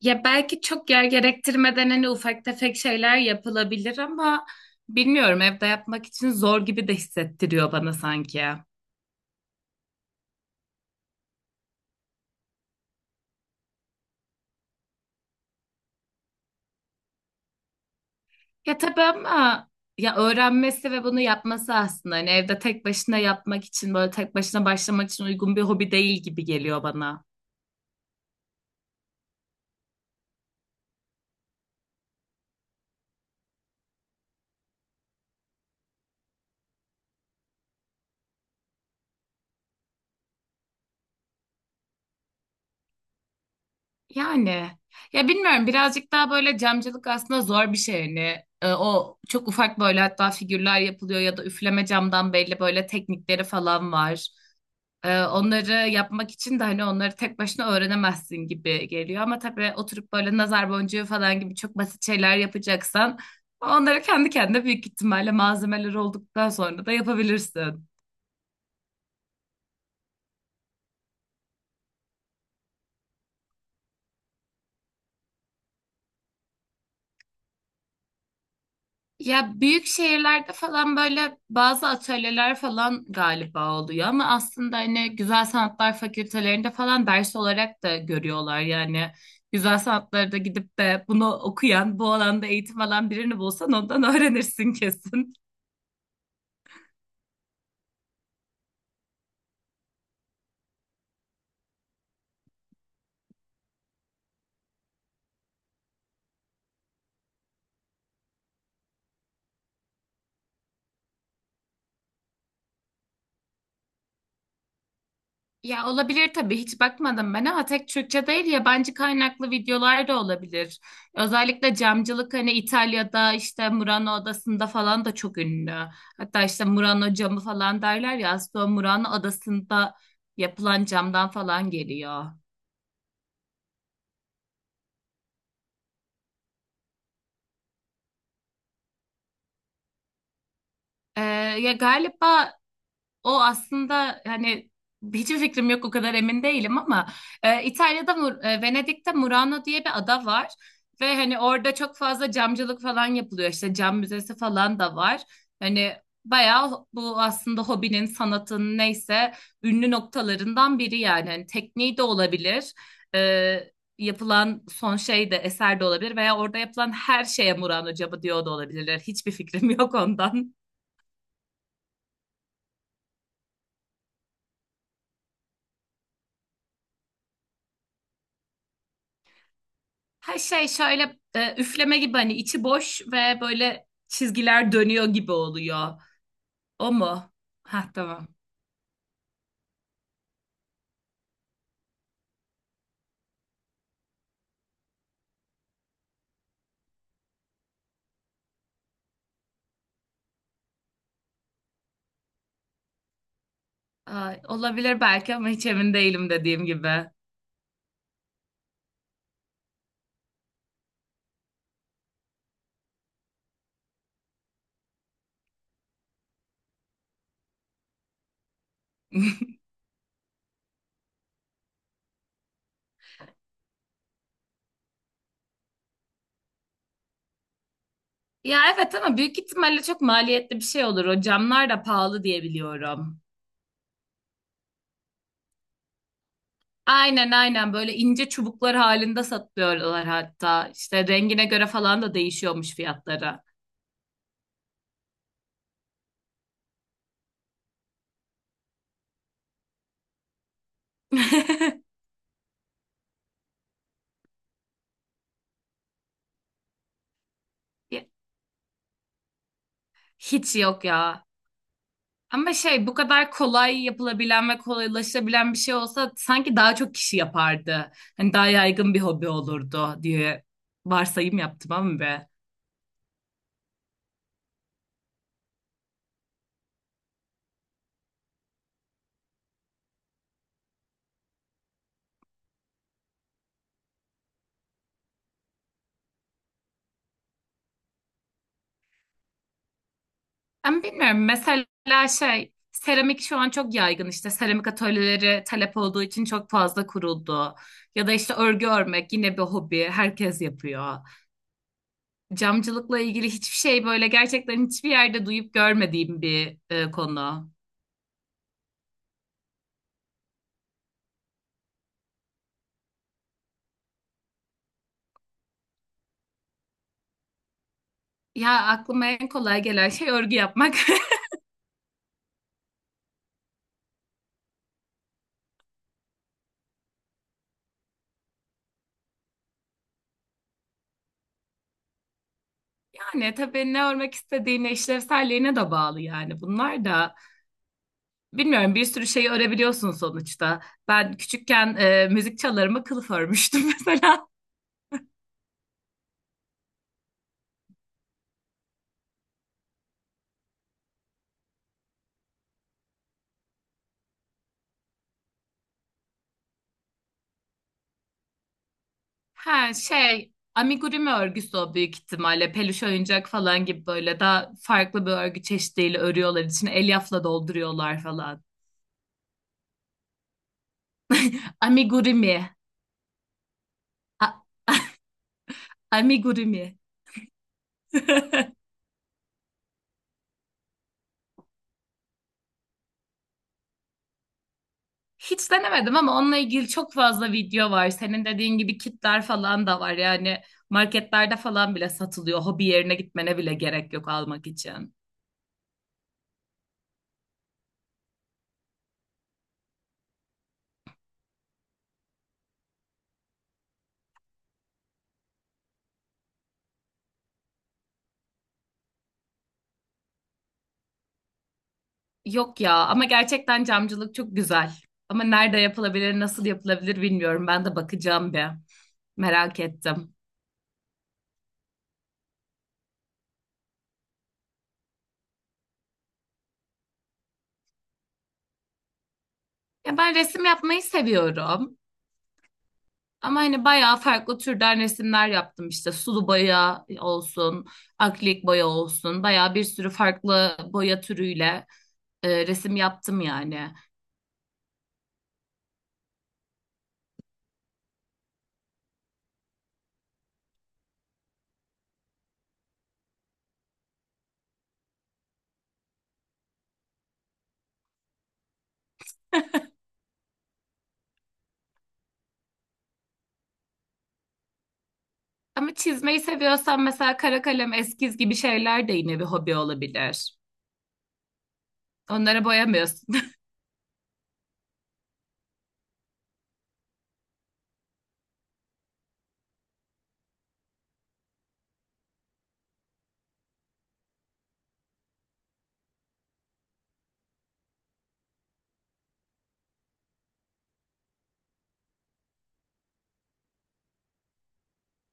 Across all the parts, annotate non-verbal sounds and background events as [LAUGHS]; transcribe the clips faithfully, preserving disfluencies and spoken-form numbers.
Ya belki çok yer gerektirmeden hani ufak tefek şeyler yapılabilir ama bilmiyorum, evde yapmak için zor gibi de hissettiriyor bana sanki. Ya tabii ama ya öğrenmesi ve bunu yapması, aslında hani evde tek başına yapmak için, böyle tek başına başlamak için uygun bir hobi değil gibi geliyor bana. Yani ya bilmiyorum, birazcık daha böyle camcılık aslında zor bir şey hani. Ee, o çok ufak böyle, hatta figürler yapılıyor ya da üfleme camdan belli böyle teknikleri falan var. Ee, onları yapmak için de hani onları tek başına öğrenemezsin gibi geliyor, ama tabii oturup böyle nazar boncuğu falan gibi çok basit şeyler yapacaksan, onları kendi kendine büyük ihtimalle malzemeler olduktan sonra da yapabilirsin. Ya büyük şehirlerde falan böyle bazı atölyeler falan galiba oluyor ama aslında hani Güzel Sanatlar Fakültelerinde falan ders olarak da görüyorlar. Yani güzel sanatlarda gidip de bunu okuyan, bu alanda eğitim alan birini bulsan ondan öğrenirsin [LAUGHS] kesin. Ya olabilir tabii, hiç bakmadım ben, ama tek Türkçe değil, yabancı kaynaklı videolar da olabilir. Özellikle camcılık hani İtalya'da, işte Murano Adası'nda falan da çok ünlü. Hatta işte Murano camı falan derler ya, aslında o Murano Adası'nda yapılan camdan falan geliyor. Ee, ya galiba O aslında hani, hiçbir fikrim yok, o kadar emin değilim ama e, İtalya'da, Mur- e, Venedik'te Murano diye bir ada var ve hani orada çok fazla camcılık falan yapılıyor, işte cam müzesi falan da var. Hani bayağı bu aslında hobinin, sanatın, neyse ünlü noktalarından biri yani, hani tekniği de olabilir. e, yapılan son şey de, eser de olabilir, veya orada yapılan her şeye Murano camı diyor da olabilirler. Hiçbir fikrim yok ondan. Her şey şöyle e, üfleme gibi, hani içi boş ve böyle çizgiler dönüyor gibi oluyor. O mu? Ha, tamam. Ay, olabilir belki ama hiç emin değilim, dediğim gibi. Ya evet ama büyük ihtimalle çok maliyetli bir şey olur. O camlar da pahalı diye biliyorum. Aynen, aynen, böyle ince çubuklar halinde satıyorlar hatta. İşte rengine göre falan da değişiyormuş fiyatları. [LAUGHS] Hiç yok ya. Ama şey, bu kadar kolay yapılabilen ve kolaylaşabilen bir şey olsa sanki daha çok kişi yapardı. Hani daha yaygın bir hobi olurdu diye varsayım yaptım ama be. Ama bilmiyorum, mesela şey, seramik şu an çok yaygın, işte seramik atölyeleri talep olduğu için çok fazla kuruldu. Ya da işte örgü örmek, yine bir hobi, herkes yapıyor. Camcılıkla ilgili hiçbir şey, böyle gerçekten hiçbir yerde duyup görmediğim bir e, konu. Ya aklıma en kolay gelen şey örgü yapmak. [LAUGHS] Yani tabii ne örmek istediğine, işlevselliğine de bağlı yani, bunlar da. Bilmiyorum, bir sürü şeyi örebiliyorsun sonuçta. Ben küçükken e, müzik çalarıma kılıf örmüştüm [LAUGHS] mesela. Ha, şey, amigurumi örgüsü o büyük ihtimalle. Peluş oyuncak falan gibi, böyle daha farklı bir örgü çeşidiyle örüyorlar. İçine elyafla dolduruyorlar falan. Amigurumi. A- amigurumi. [LAUGHS] Hiç denemedim ama onunla ilgili çok fazla video var. Senin dediğin gibi kitler falan da var. Yani marketlerde falan bile satılıyor. Hobi yerine gitmene bile gerek yok almak için. Yok ya, ama gerçekten camcılık çok güzel. Ama nerede yapılabilir, nasıl yapılabilir bilmiyorum. Ben de bakacağım bir. Merak ettim. Ya ben resim yapmayı seviyorum. Ama hani bayağı farklı türden resimler yaptım, işte sulu boya olsun, akrilik boya olsun. Bayağı bir sürü farklı boya türüyle e, resim yaptım yani. Ama çizmeyi seviyorsan mesela kara kalem, eskiz gibi şeyler de yine bir hobi olabilir. Onları boyamıyorsun. [LAUGHS]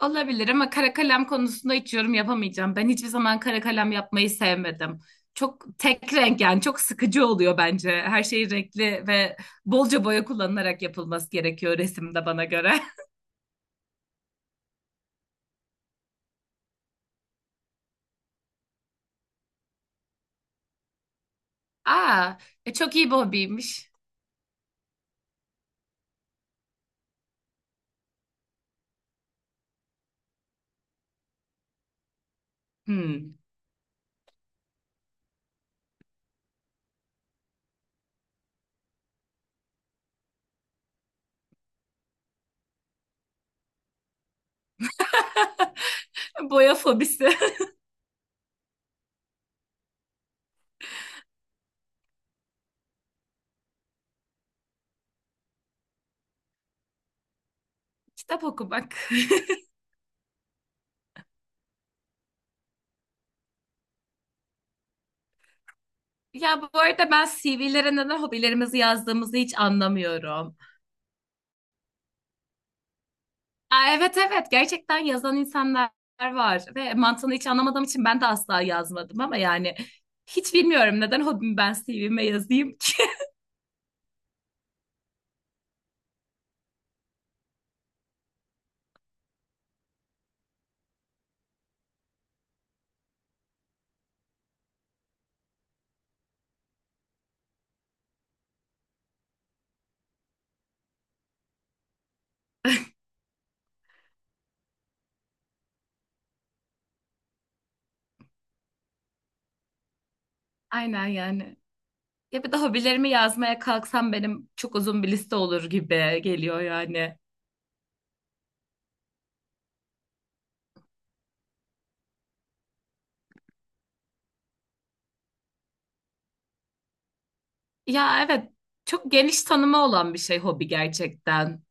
Olabilir, ama kara kalem konusunda hiç yorum yapamayacağım. Ben hiçbir zaman kara kalem yapmayı sevmedim. Çok tek renk, yani çok sıkıcı oluyor bence. Her şey renkli ve bolca boya kullanılarak yapılması gerekiyor resimde, bana göre. Aa, e, çok iyi bir hobiymiş. Hmm. [LAUGHS] Boya fobisi. [LAUGHS] Kitap okumak. [LAUGHS] Ya bu arada ben C V'lere neden hobilerimizi yazdığımızı hiç anlamıyorum. Aa, evet, evet, gerçekten yazan insanlar var ve mantığını hiç anlamadığım için ben de asla yazmadım, ama yani hiç bilmiyorum neden hobimi ben C V'me yazayım ki. [LAUGHS] Aynen yani. Ya bir de hobilerimi yazmaya kalksam benim çok uzun bir liste olur gibi geliyor yani. Ya evet, çok geniş tanımı olan bir şey hobi gerçekten.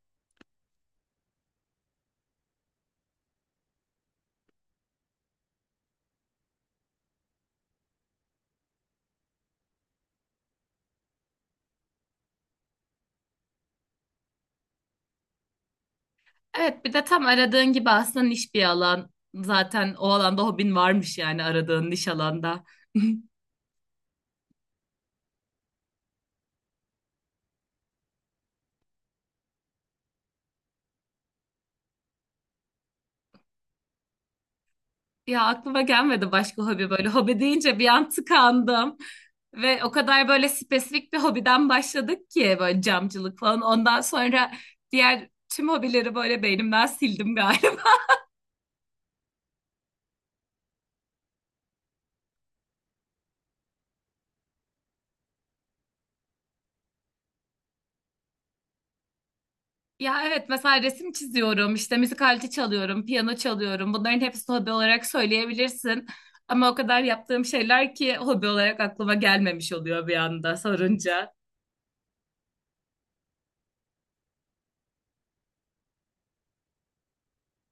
Evet, bir de tam aradığın gibi aslında niş bir alan. Zaten o alanda hobin varmış, yani aradığın niş alanda. [LAUGHS] Ya aklıma gelmedi başka hobi böyle. Hobi deyince bir an tıkandım. Ve o kadar böyle spesifik bir hobiden başladık ki, böyle camcılık falan. Ondan sonra diğer tüm hobileri böyle beynimden sildim galiba. Ya evet, mesela resim çiziyorum, işte müzik aleti çalıyorum, piyano çalıyorum. Bunların hepsini hobi olarak söyleyebilirsin. Ama o kadar yaptığım şeyler ki, hobi olarak aklıma gelmemiş oluyor bir anda sorunca.